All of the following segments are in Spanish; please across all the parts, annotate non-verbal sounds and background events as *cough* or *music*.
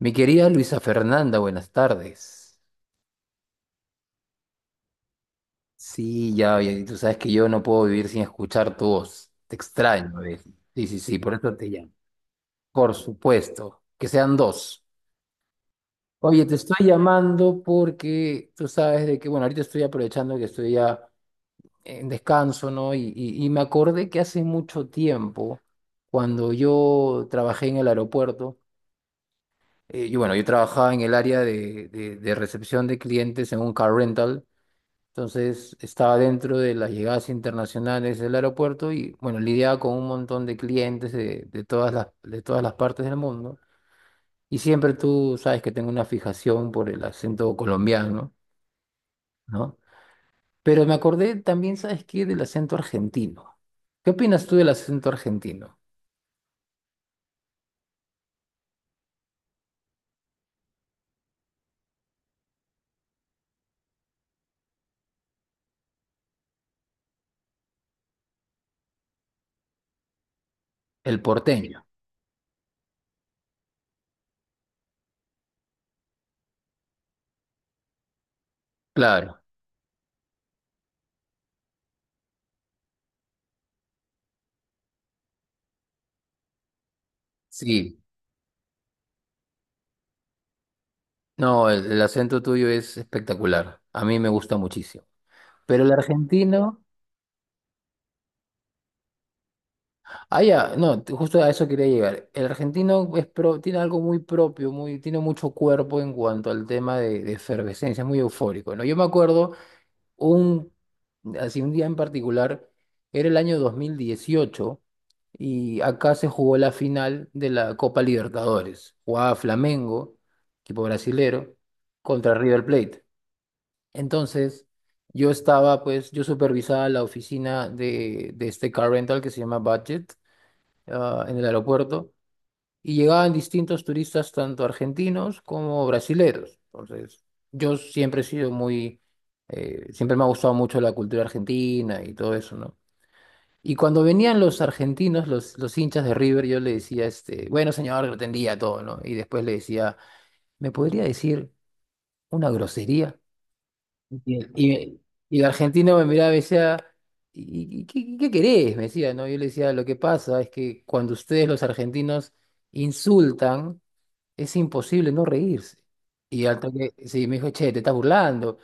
Mi querida Luisa Fernanda, buenas tardes. Sí, ya, ya, tú sabes que yo no puedo vivir sin escuchar tu voz. Te extraño, ¿ves? Sí, sí, sí, por eso te llamo. Por supuesto, que sean dos. Oye, te estoy llamando porque tú sabes de que, bueno, ahorita estoy aprovechando que estoy ya en descanso, ¿no? Y me acordé que hace mucho tiempo, cuando yo trabajé en el aeropuerto, yo trabajaba en el área de, de recepción de clientes en un car rental. Entonces estaba dentro de las llegadas internacionales del aeropuerto y bueno, lidiaba con un montón de clientes de todas las partes del mundo. Y siempre tú sabes que tengo una fijación por el acento colombiano, ¿no? Pero me acordé también, ¿sabes qué? Del acento argentino. ¿Qué opinas tú del acento argentino? El porteño, claro. Sí. No, el acento tuyo es espectacular. A mí me gusta muchísimo. Pero el argentino... Ah, ya, no, t- justo a eso quería llegar. El argentino es tiene algo muy propio, muy, tiene mucho cuerpo en cuanto al tema de efervescencia, es muy eufórico, ¿no? Yo me acuerdo un, así un día en particular, era el año 2018 y acá se jugó la final de la Copa Libertadores. Jugaba Flamengo, equipo brasilero, contra River Plate. Entonces, yo estaba, pues, yo supervisaba la oficina de este car rental que se llama Budget en el aeropuerto y llegaban distintos turistas, tanto argentinos como brasileros. Entonces, yo siempre he sido muy, siempre me ha gustado mucho la cultura argentina y todo eso, ¿no? Y cuando venían los argentinos, los hinchas de River, yo le decía, este, bueno, señor, lo atendía todo, ¿no? Y después le decía, ¿me podría decir una grosería? Y, y- y el argentino me miraba y me decía, ¿y, qué querés? Me decía, ¿no? Yo le decía, lo que pasa es que cuando ustedes los argentinos insultan, es imposible no reírse. Y al toque, sí, me dijo, che, te estás burlando.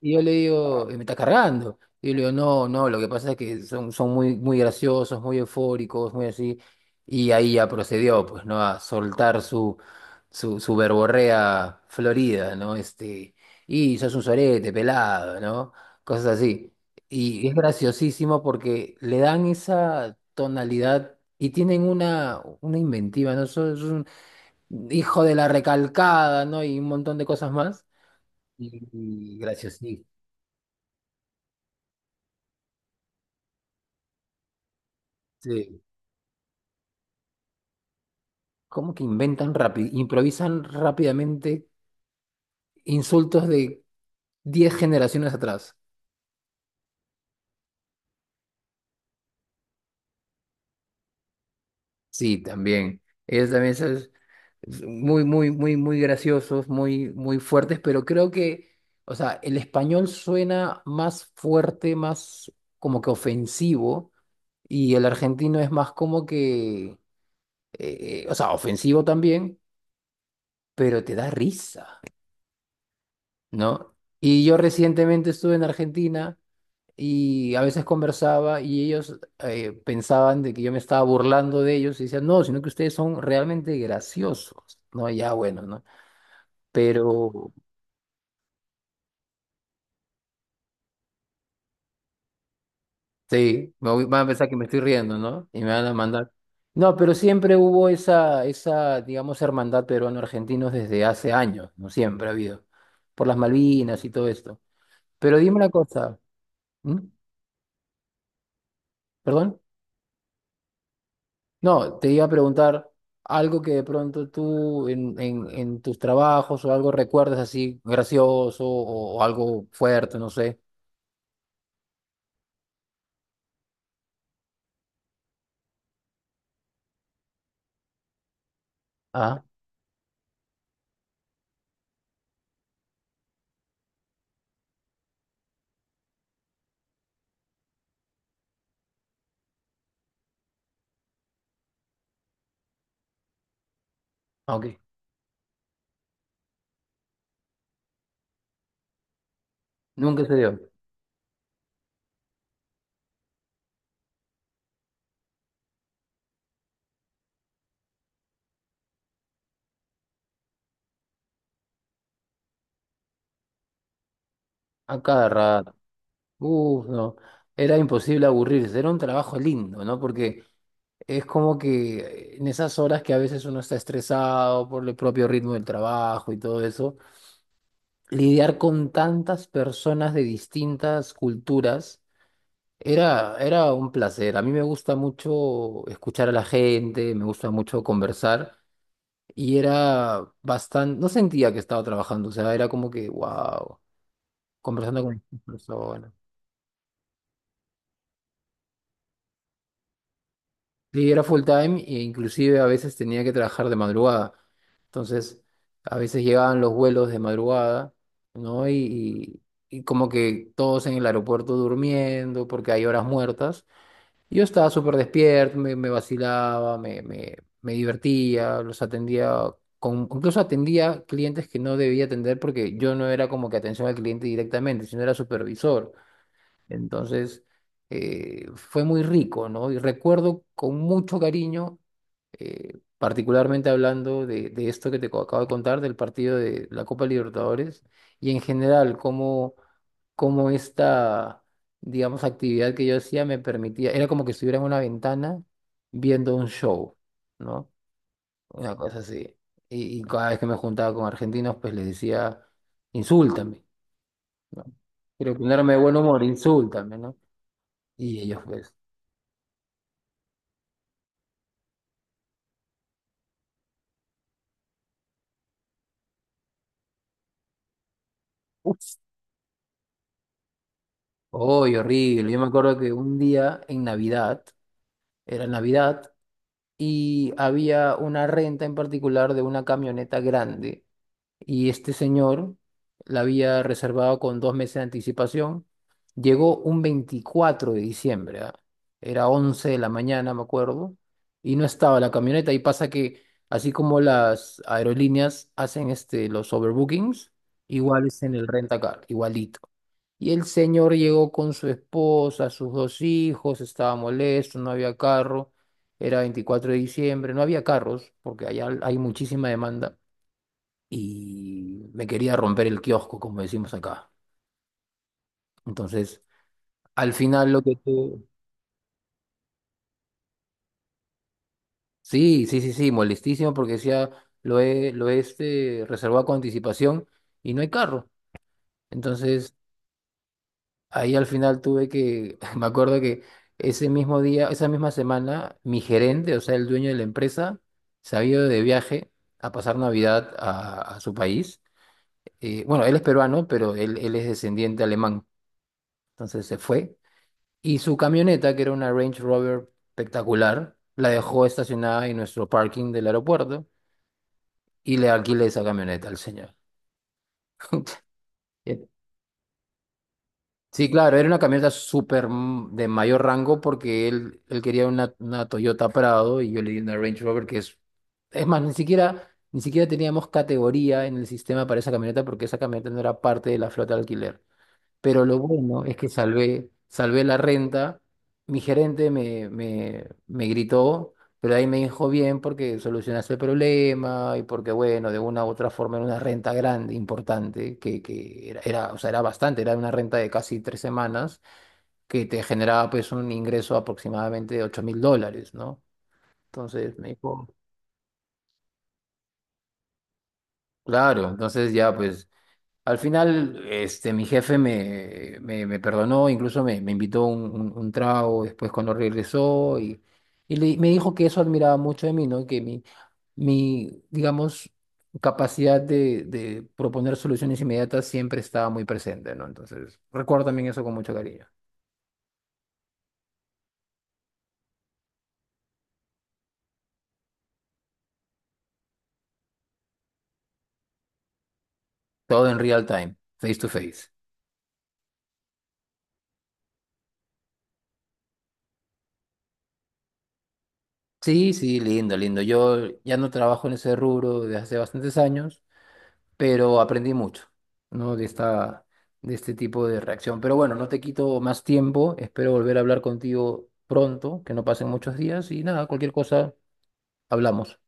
Y yo le digo, me está cargando." Y yo le digo, no, no, lo que pasa es que son, son muy, muy graciosos, muy eufóricos, muy así. Y ahí ya procedió, pues, ¿no? A soltar su, su verborrea florida, ¿no? Este, y sos un sorete, pelado, ¿no? Cosas así. Y es graciosísimo porque le dan esa tonalidad y tienen una inventiva, ¿no? Sos un hijo de la recalcada, ¿no? Y un montón de cosas más. Y, y graciosísimo. Sí. ¿Cómo que inventan rápido? Improvisan rápidamente insultos de 10 generaciones atrás. Sí, también. Ellos también son muy, muy, muy, muy graciosos, muy, muy fuertes, pero creo que, o sea, el español suena más fuerte, más como que ofensivo, y el argentino es más como que, o sea, ofensivo también, pero te da risa, ¿no? Y yo recientemente estuve en Argentina. Y a veces conversaba y ellos pensaban de que yo me estaba burlando de ellos y decían, no, sino que ustedes son realmente graciosos, ¿no? Ya bueno, ¿no? Pero sí, van a pensar que me estoy riendo, ¿no? Y me van a mandar. No, pero siempre hubo esa, esa, digamos, hermandad peruano-argentinos desde hace años, ¿no? Siempre ha habido, por las Malvinas y todo esto. Pero dime una cosa, ¿mm? ¿Perdón? No, te iba a preguntar algo que de pronto tú en tus trabajos o algo recuerdas así gracioso o algo fuerte, no sé. Ah, ok. Nunca se dio. A cada rato. Uf, no. Era imposible aburrirse. Era un trabajo lindo, ¿no? Porque es como que en esas horas que a veces uno está estresado por el propio ritmo del trabajo y todo eso, lidiar con tantas personas de distintas culturas era, era un placer. A mí me gusta mucho escuchar a la gente, me gusta mucho conversar y era bastante, no sentía que estaba trabajando, o sea, era como que, wow, conversando con estas personas. Sí, era full time e inclusive a veces tenía que trabajar de madrugada. Entonces, a veces llegaban los vuelos de madrugada, ¿no? Y como que todos en el aeropuerto durmiendo porque hay horas muertas. Yo estaba súper despierto, me vacilaba, me divertía, los atendía, con, incluso atendía clientes que no debía atender porque yo no era como que atención al cliente directamente, sino era supervisor. Entonces, fue muy rico, ¿no? Y recuerdo con mucho cariño particularmente hablando de esto que acabo de contar, del partido de la Copa Libertadores, y en general, cómo, cómo esta, digamos, actividad que yo hacía me permitía, era como que estuviera en una ventana viendo un show, ¿no? Una cosa así. Y cada vez que me juntaba con argentinos, pues les decía, insúltame, ¿no? Quiero ponerme de buen humor, insúltame, ¿no? Y ellos, pues, ¡uf! ¡Uy, horrible! Yo me acuerdo que un día en Navidad, era Navidad, y había una renta en particular de una camioneta grande y este señor la había reservado con 2 meses de anticipación. Llegó un 24 de diciembre, ¿ah? Era 11 de la mañana, me acuerdo, y no estaba la camioneta y pasa que así como las aerolíneas hacen este, los overbookings, igual es en el rentacar, igualito. Y el señor llegó con su esposa, sus 2 hijos, estaba molesto, no había carro, era 24 de diciembre, no había carros, porque allá hay muchísima demanda, y me quería romper el kiosco, como decimos acá. Entonces, al final lo que tú... Sí, sí, sí, sí, molestísimo porque decía, lo he este, reservado con anticipación y no hay carro. Entonces... Ahí al final tuve que, *laughs* me acuerdo que ese mismo día, esa misma semana, mi gerente, o sea, el dueño de la empresa, se había ido de viaje a pasar Navidad a su país. Bueno, él es peruano, pero él es descendiente alemán. Entonces se fue. Y su camioneta, que era una Range Rover espectacular, la dejó estacionada en nuestro parking del aeropuerto y le alquilé esa camioneta al señor. Sí, claro, era una camioneta de mayor rango porque él quería una Toyota Prado y yo le di una Range Rover que es... Es más, ni siquiera, ni siquiera teníamos categoría en el sistema para esa camioneta porque esa camioneta no era parte de la flota de alquiler. Pero lo bueno es que salvé, salvé la renta. Mi gerente me gritó, pero ahí me dijo bien porque solucionaste el problema y porque, bueno, de una u otra forma era una renta grande, importante, que era, era, o sea, era bastante, era una renta de casi 3 semanas que te generaba pues un ingreso aproximadamente de $8,000, ¿no? Entonces me dijo, claro, entonces ya pues al final, este, mi jefe me perdonó, incluso me, me invitó un trago después cuando regresó y, me dijo que eso admiraba mucho de mí, ¿no? Que mi, digamos, capacidad de proponer soluciones inmediatas siempre estaba muy presente, ¿no? Entonces, recuerdo también eso con mucho cariño. Todo en real time, face to face. Sí, sí, lindo, lindo. Yo ya no trabajo en ese rubro desde hace bastantes años, pero aprendí mucho, ¿no? De esta, de este tipo de reacción. Pero bueno, no te quito más tiempo, espero volver a hablar contigo pronto, que no pasen muchos días y nada, cualquier cosa, hablamos.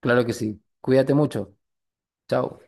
Claro que sí. Cuídate mucho. Chao.